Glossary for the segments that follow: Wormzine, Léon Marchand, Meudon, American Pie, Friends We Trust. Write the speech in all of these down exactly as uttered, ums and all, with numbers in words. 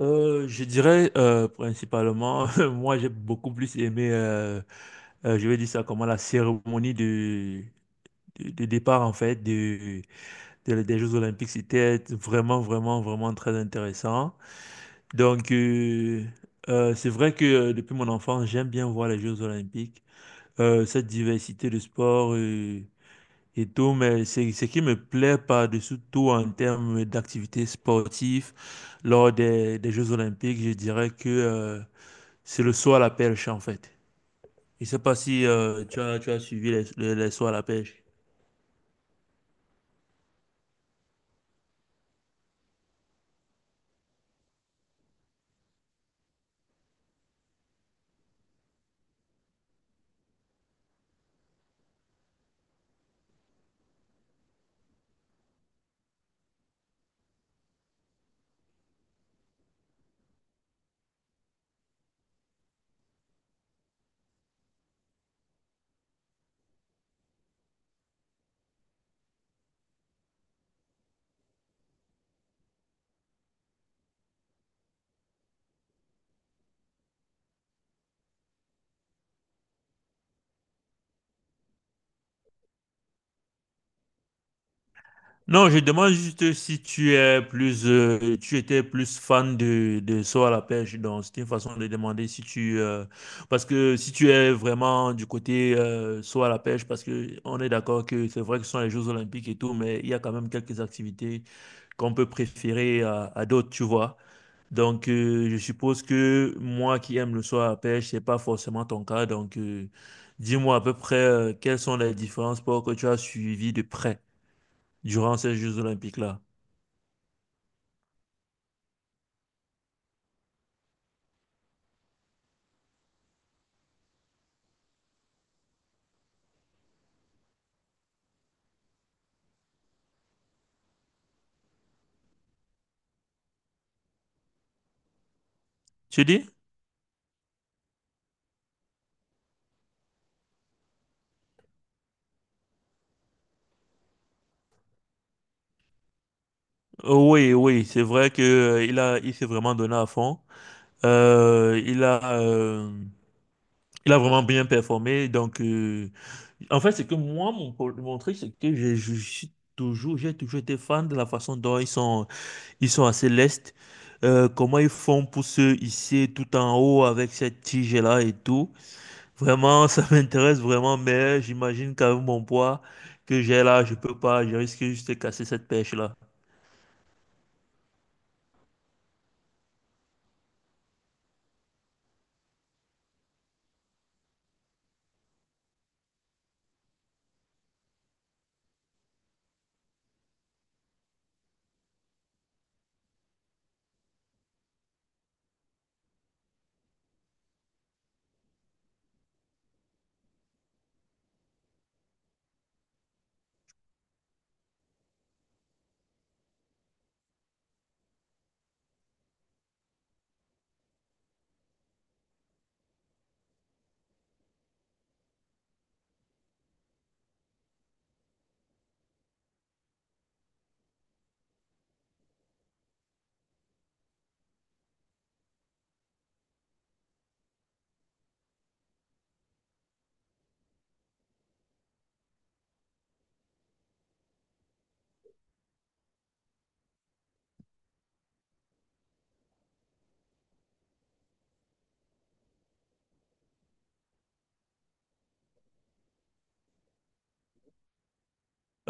Euh, je dirais euh, principalement, moi j'ai beaucoup plus aimé, euh, euh, je vais dire ça comment, la cérémonie de, de, de départ en fait de, de- des Jeux Olympiques. C'était vraiment, vraiment, vraiment très intéressant. Donc, euh, euh, c'est vrai que euh, depuis mon enfance, j'aime bien voir les Jeux Olympiques, euh, cette diversité de sports, euh, et tout, mais c'est ce qui me plaît par-dessus tout en termes d'activités sportives lors des, des Jeux Olympiques, je dirais que... euh, c'est le saut à la pêche, en fait. Je ne sais pas si euh, tu as, tu as suivi les, les, les sauts à la pêche. Non, je demande juste si tu es plus, euh, tu étais plus fan de, de saut à la pêche. Donc, c'est une façon de demander si tu, euh, parce que si tu es vraiment du côté euh, saut à la pêche, parce que on est d'accord que c'est vrai que ce sont les Jeux Olympiques et tout, mais il y a quand même quelques activités qu'on peut préférer à à d'autres, tu vois. Donc, euh, je suppose que moi qui aime le soir à la pêche, c'est pas forcément ton cas. Donc, euh, dis-moi à peu près euh, quelles sont les différents sports que tu as suivis de près durant ces Jeux Olympiques-là. Tu dis? Oh, oui, oui, c'est vrai que euh, il a, il s'est vraiment donné à fond. Euh, il a, euh, il a vraiment bien performé. Donc, euh, en fait, c'est que moi, mon, pro- mon truc, c'est que j'ai- je suis toujours, j'ai toujours été fan de la façon dont ils sont. Ils sont assez lestes. Euh, comment ils font pour se hisser tout en haut avec cette tige-là et tout. Vraiment, ça m'intéresse vraiment, mais j'imagine qu'avec mon poids que j'ai là, je peux pas, je risque juste de casser cette pêche-là.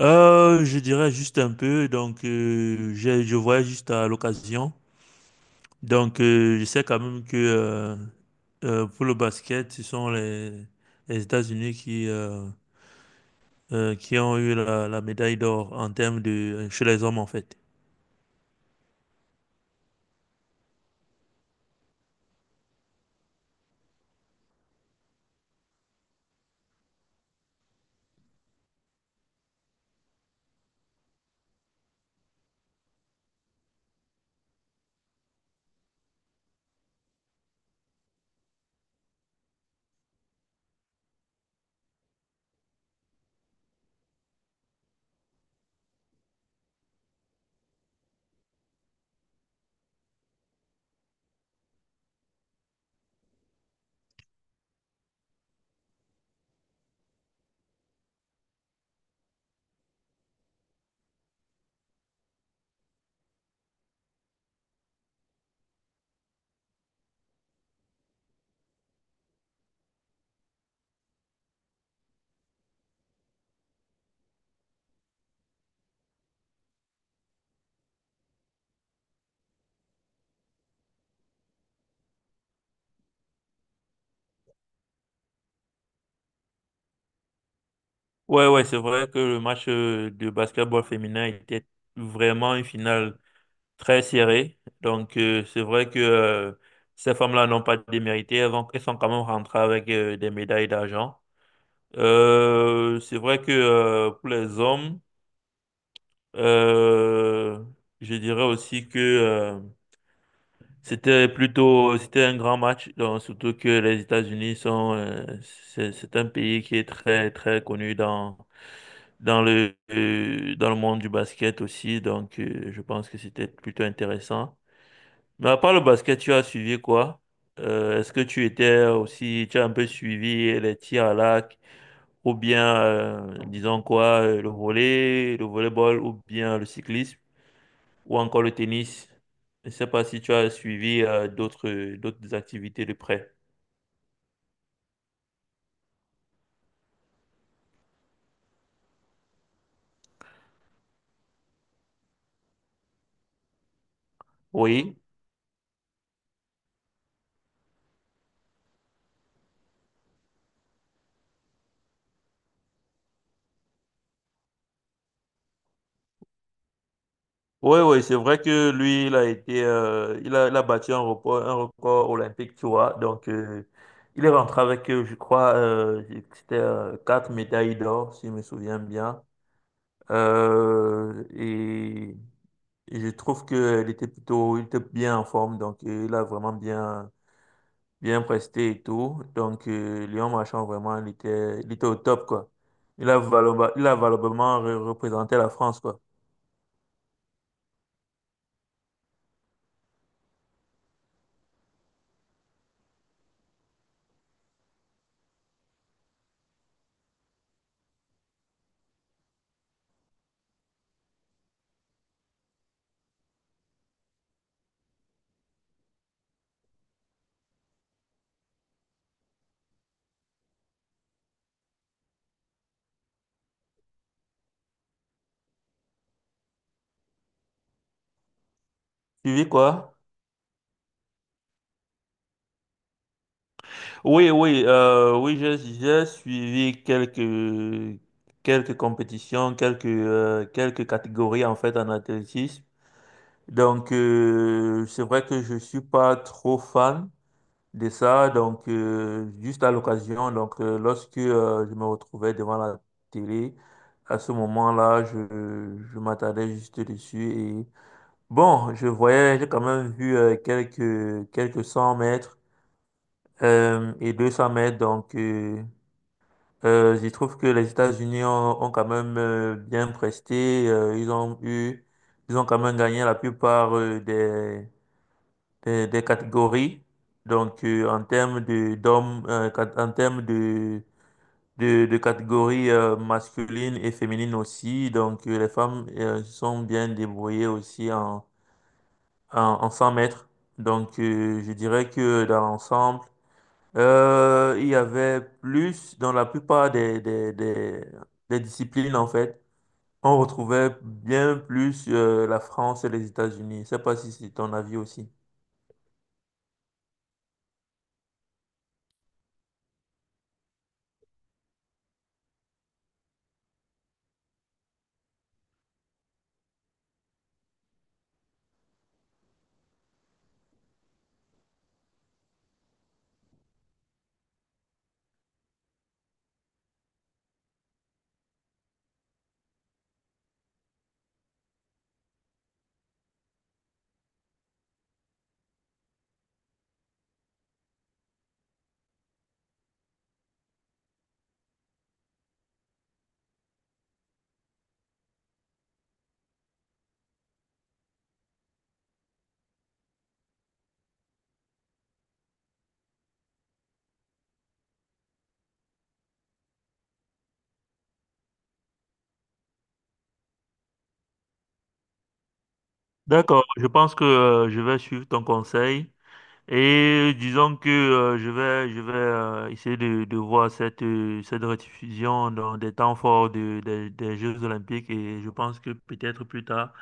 Euh, je dirais juste un peu, donc euh, je, je voyais juste à l'occasion. Donc euh, je sais quand même que euh, euh, pour le basket, ce sont les, les États-Unis qui, euh, euh, qui ont eu la, la médaille d'or en termes de chez les hommes en fait. Ouais, ouais, c'est vrai que le match euh, de basketball féminin était vraiment une finale très serrée. Donc, euh, c'est vrai que euh, ces femmes-là n'ont pas démérité. Elles vont- elles sont quand même rentrées avec euh, des médailles d'argent. Euh, c'est vrai que euh, pour les hommes, euh, je dirais aussi que euh, c'était plutôt, c'était un grand match. Donc, surtout que les États-Unis sont, euh, c'est c'est un pays qui est très, très connu dans dans le, euh, dans le monde du basket aussi. Donc, euh, je pense que c'était plutôt intéressant. Mais à part le basket, tu as suivi quoi? Euh, est-ce que tu étais aussi, tu as un peu suivi les tirs à l'arc ou bien, euh, disons quoi, euh, le volley, le volleyball ou bien le cyclisme ou encore le tennis? Je ne sais pas si tu as suivi euh, d'autres d'autres activités de près. Oui. Oui, oui, c'est vrai que lui, il a été, euh, il a, il a battu un record, un record olympique, tu vois. Donc, euh, il est rentré avec, euh, je crois, euh, c'était euh, quatre médailles d'or, si je me souviens bien. Euh, et, et je trouve qu'il était plutôt, il était bien en forme, donc euh, il a vraiment bien, bien presté et tout. Donc, euh, Léon Marchand, vraiment, il était, il était au top, quoi. Il a valable- il a valablement re- représenté la France, quoi. Tu vis quoi? Oui, oui, euh, oui, j'ai j'ai suivi quelques, quelques compétitions, quelques, euh, quelques catégories en fait en athlétisme. Donc, euh, c'est vrai que je suis pas trop fan de ça. Donc, euh, juste à l'occasion, donc, euh, lorsque euh, je me retrouvais devant la télé, à ce moment-là, je, je m'attardais juste dessus. Et bon, je voyais, j'ai quand même vu euh, quelques, quelques cent mètres euh, et deux cents mètres. Donc, euh, euh, je trouve que les États-Unis ont, ont quand même euh, bien presté. euh, ils ont eu, ils ont quand même gagné la plupart euh, des, des, des catégories. Donc, euh, en termes de d'hommes, euh, cat- en termes de de, de catégories euh, masculines et féminines aussi. Donc, euh, les femmes euh, se sont bien débrouillées aussi en en, en cent mètres. Donc, euh, je dirais que dans l'ensemble. Euh, il y avait plus dans la plupart des, des, des, des disciplines, en fait. On retrouvait bien plus euh, la France et les États-Unis. Je sais pas si c'est ton avis aussi. D'accord, je pense que euh, je vais suivre ton conseil et disons que euh, je vais, je vais euh, essayer de, de voir cette, euh, cette rediffusion dans des temps forts de- des des Jeux Olympiques et je pense que peut-être plus tard,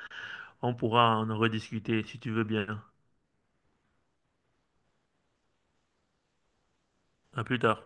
on pourra en rediscuter si tu veux bien. À plus tard.